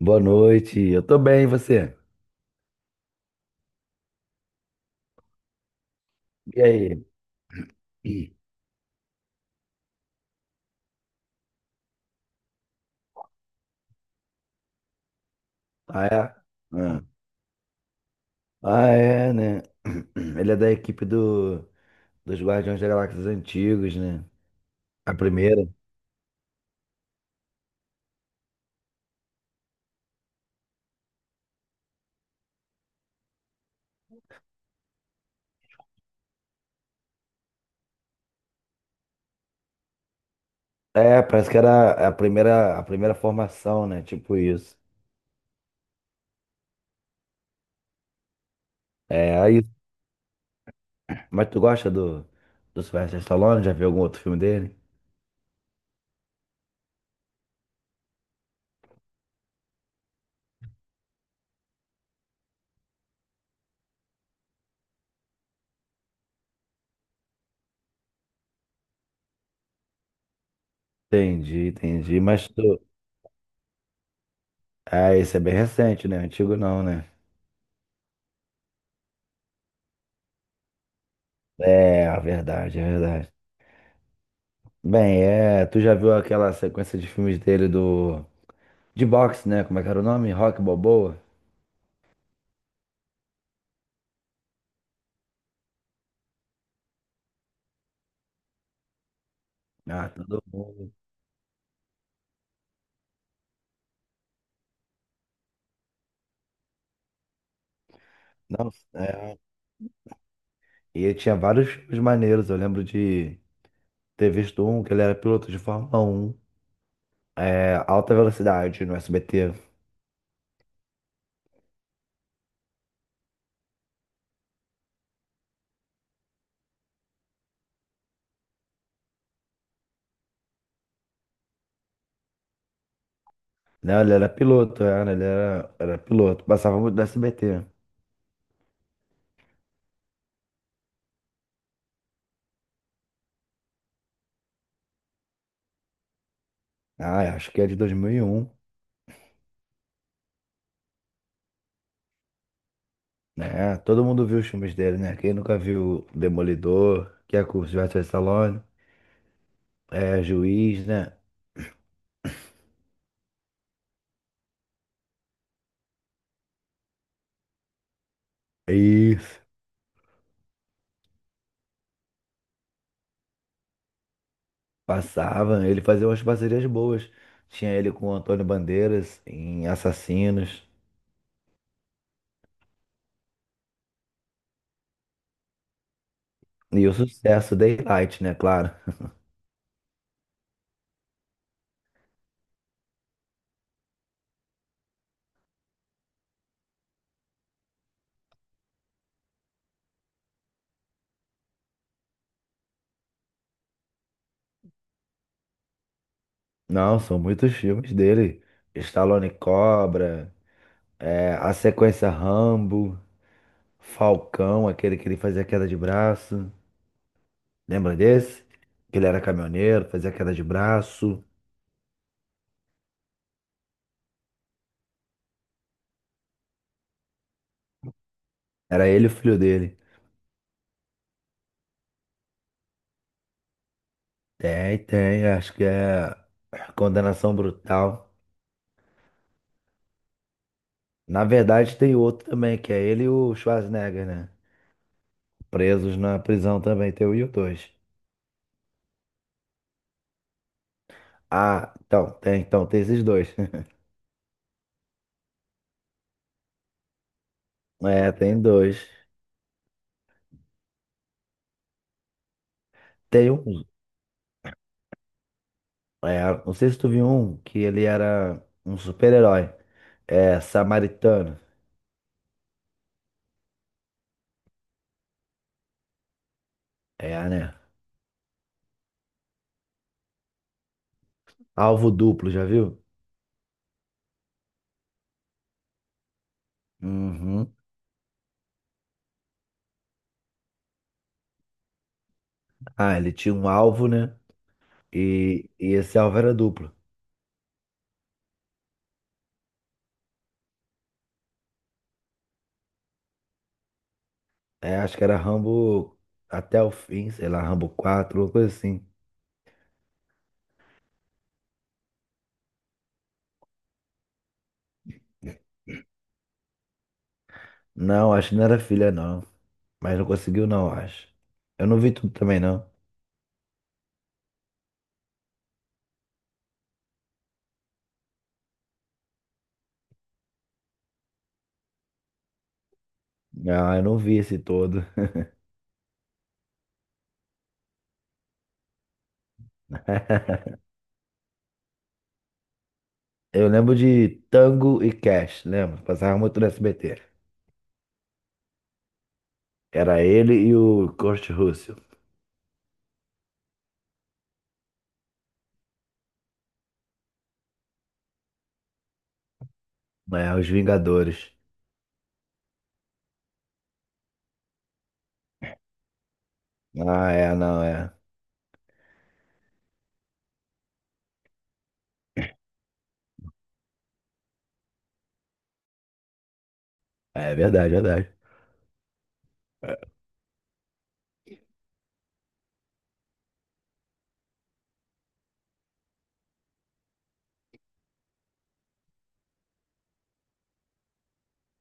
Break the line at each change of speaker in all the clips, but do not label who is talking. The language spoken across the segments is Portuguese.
Boa noite, eu tô bem, e você? E aí? Ih. Ah, é? Ah, Ah, é, né? Ele é da equipe dos Guardiões da Galáxia Antigos, né? A primeira. É, parece que era a primeira formação, né? Tipo isso. É, aí. Mas tu gosta do Sylvester Stallone? Já viu algum outro filme dele? Entendi, entendi. Mas tu. Ah, esse é bem recente, né? Antigo não, né? É, é verdade. Bem, é, tu já viu aquela sequência de filmes dele do De boxe, né? Como é que era o nome? Rock Balboa? Ah, todo mundo. Não, é. E ele tinha vários filmes maneiros. Eu lembro de ter visto um que ele era piloto de Fórmula um, Alta Velocidade no SBT. Não, ele era piloto. Passava muito no SBT. Ah, eu acho que é de 2001, né? Todo mundo viu os filmes dele, né? Quem nunca viu Demolidor, que é com o Sylvester Stallone, é Juiz, né? É isso. Passava, ele fazia umas parcerias boas. Tinha ele com o Antônio Bandeiras em Assassinos. E o sucesso, Daylight, né? Claro. Não, são muitos filmes dele. Stallone Cobra, a sequência Rambo, Falcão, aquele que ele fazia queda de braço. Lembra desse? Que ele era caminhoneiro, fazia queda de braço. Era ele e o filho dele. Tem, tem, acho que é Condenação Brutal. Na verdade, tem outro também, que é ele e o Schwarzenegger, né? Presos na prisão também, tem o e o dois. Ah, então, tem esses dois. É, tem dois. Tem um, não sei se tu viu um, que ele era um super-herói. É, samaritano. É, né? Alvo duplo, já viu? Uhum. Ah, ele tinha um alvo, né? E esse alvo era duplo. É, acho que era Rambo até o fim, sei lá, Rambo 4 uma coisa assim. Não, acho que não era filha, não. Mas não conseguiu, não, acho. Eu não vi tudo também, não. Ah, eu não vi esse todo. Eu lembro de Tango e Cash, lembro. Passava muito no SBT. Era ele e o Kurt Russell, né? Os Vingadores. Ah, é, não, é. É verdade, verdade.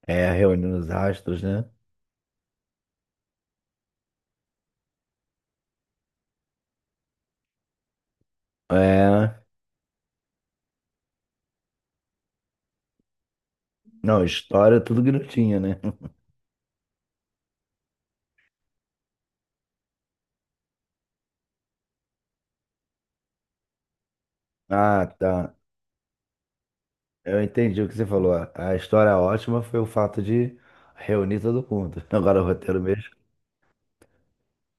É, reunindo os astros, né? É. Não, história, é tudo que não tinha, né? Ah, tá. Eu entendi o que você falou. A história ótima foi o fato de reunir todo mundo. Agora o roteiro mesmo.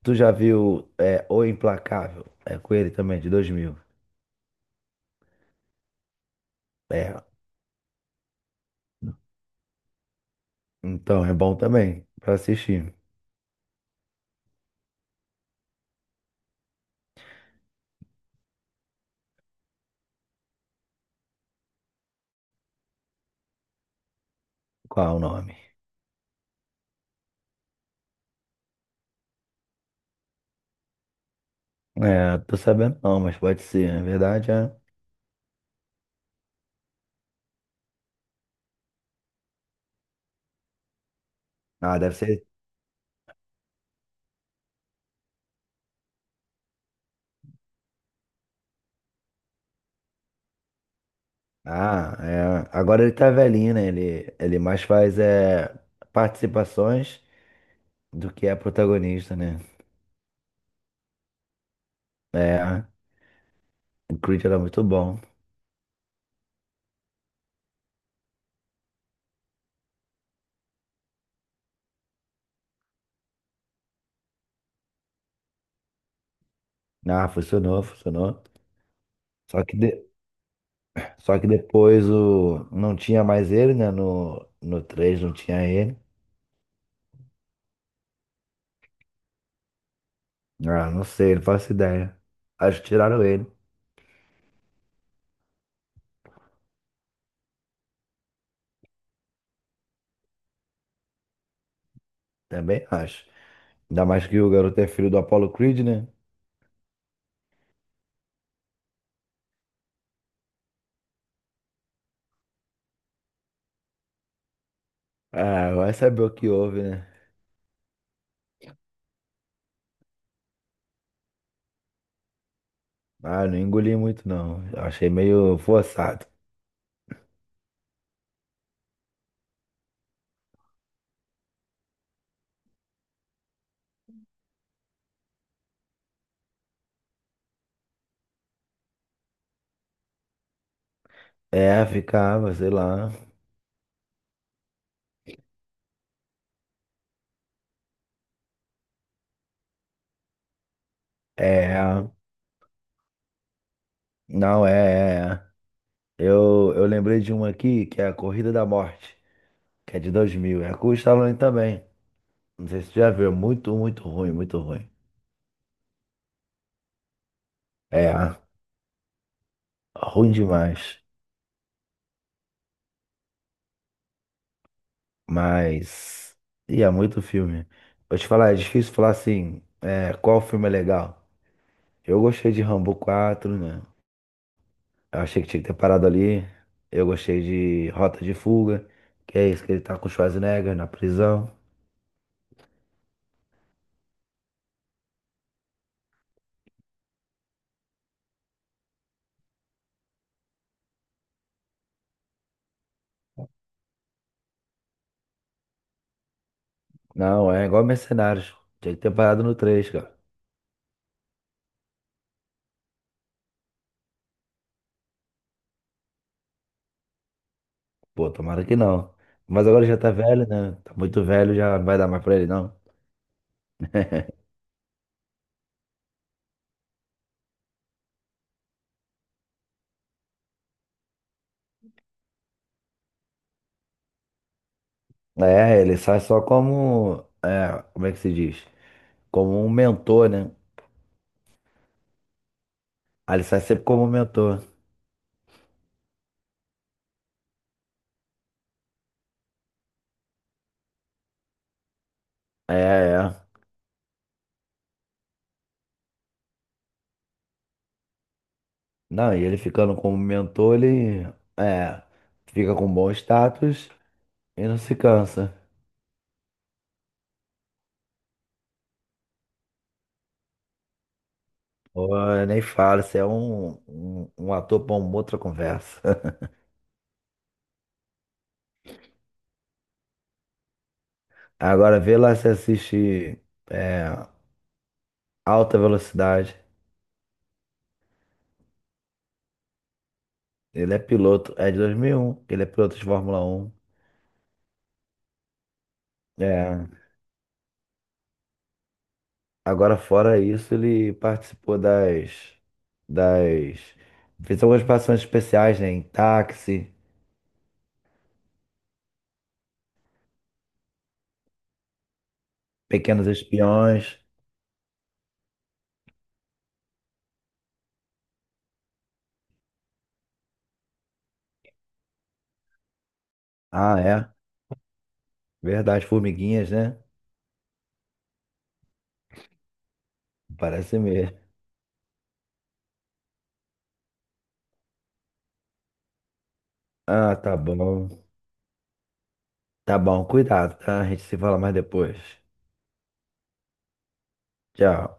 Tu já viu, O Implacável? É com ele também, de 2000. É, então é bom também pra assistir. Qual é o nome? É, tô sabendo não, mas pode ser. Na verdade. Ah, deve ser. Ah, é. Agora ele tá velhinho, né? Ele mais faz é, participações do que é protagonista, né? É, o Creed era muito bom. Ah, funcionou, funcionou. Só que, de- Só que depois não tinha mais ele, né? No 3 não tinha ele. Ah, não sei, não faço ideia. Acho que tiraram ele. Também acho. Ainda mais que o garoto é filho do Apollo Creed, né? Ah, vai saber o que houve, né? Ah, não engoli muito, não. Eu achei meio forçado. É, ficava, sei lá. É, não, é, é. É. Eu lembrei de uma aqui, que é a Corrida da Morte, que é de 2000. É com o Stallone também. Não sei se tu já viu. É muito, muito ruim, muito ruim. É, ruim demais. Mas. E é muito filme. Vou te falar, é difícil falar assim, qual filme é legal. Eu gostei de Rambo 4, né? Eu achei que tinha que ter parado ali. Eu gostei de Rota de Fuga, que é isso que ele tá com o Schwarzenegger na prisão. Não, é igual Mercenários. Tinha que ter parado no três, cara. Pô, tomara que não. Mas agora já tá velho, né? Tá muito velho, já não vai dar mais pra ele, não. É, ele sai só como. É, como é que se diz? Como um mentor, né? Aí ele sai sempre como um mentor. É, é. Não, e ele ficando como mentor, ele. É. Fica com bom status e não se cansa. Pô, eu nem falo, você é um, um, ator para uma outra conversa. Agora vê lá se assiste, é, Alta Velocidade. Ele é piloto, é de 2001, ele é piloto de Fórmula Um. É, agora fora isso, ele participou das. Fez algumas participações especiais, né? Em Táxi, Pequenos Espiões. Ah, é, verdade, Formiguinhas, né? Parece mesmo. Ah, tá bom. Tá bom, cuidado, tá? A gente se fala mais depois. Tchau.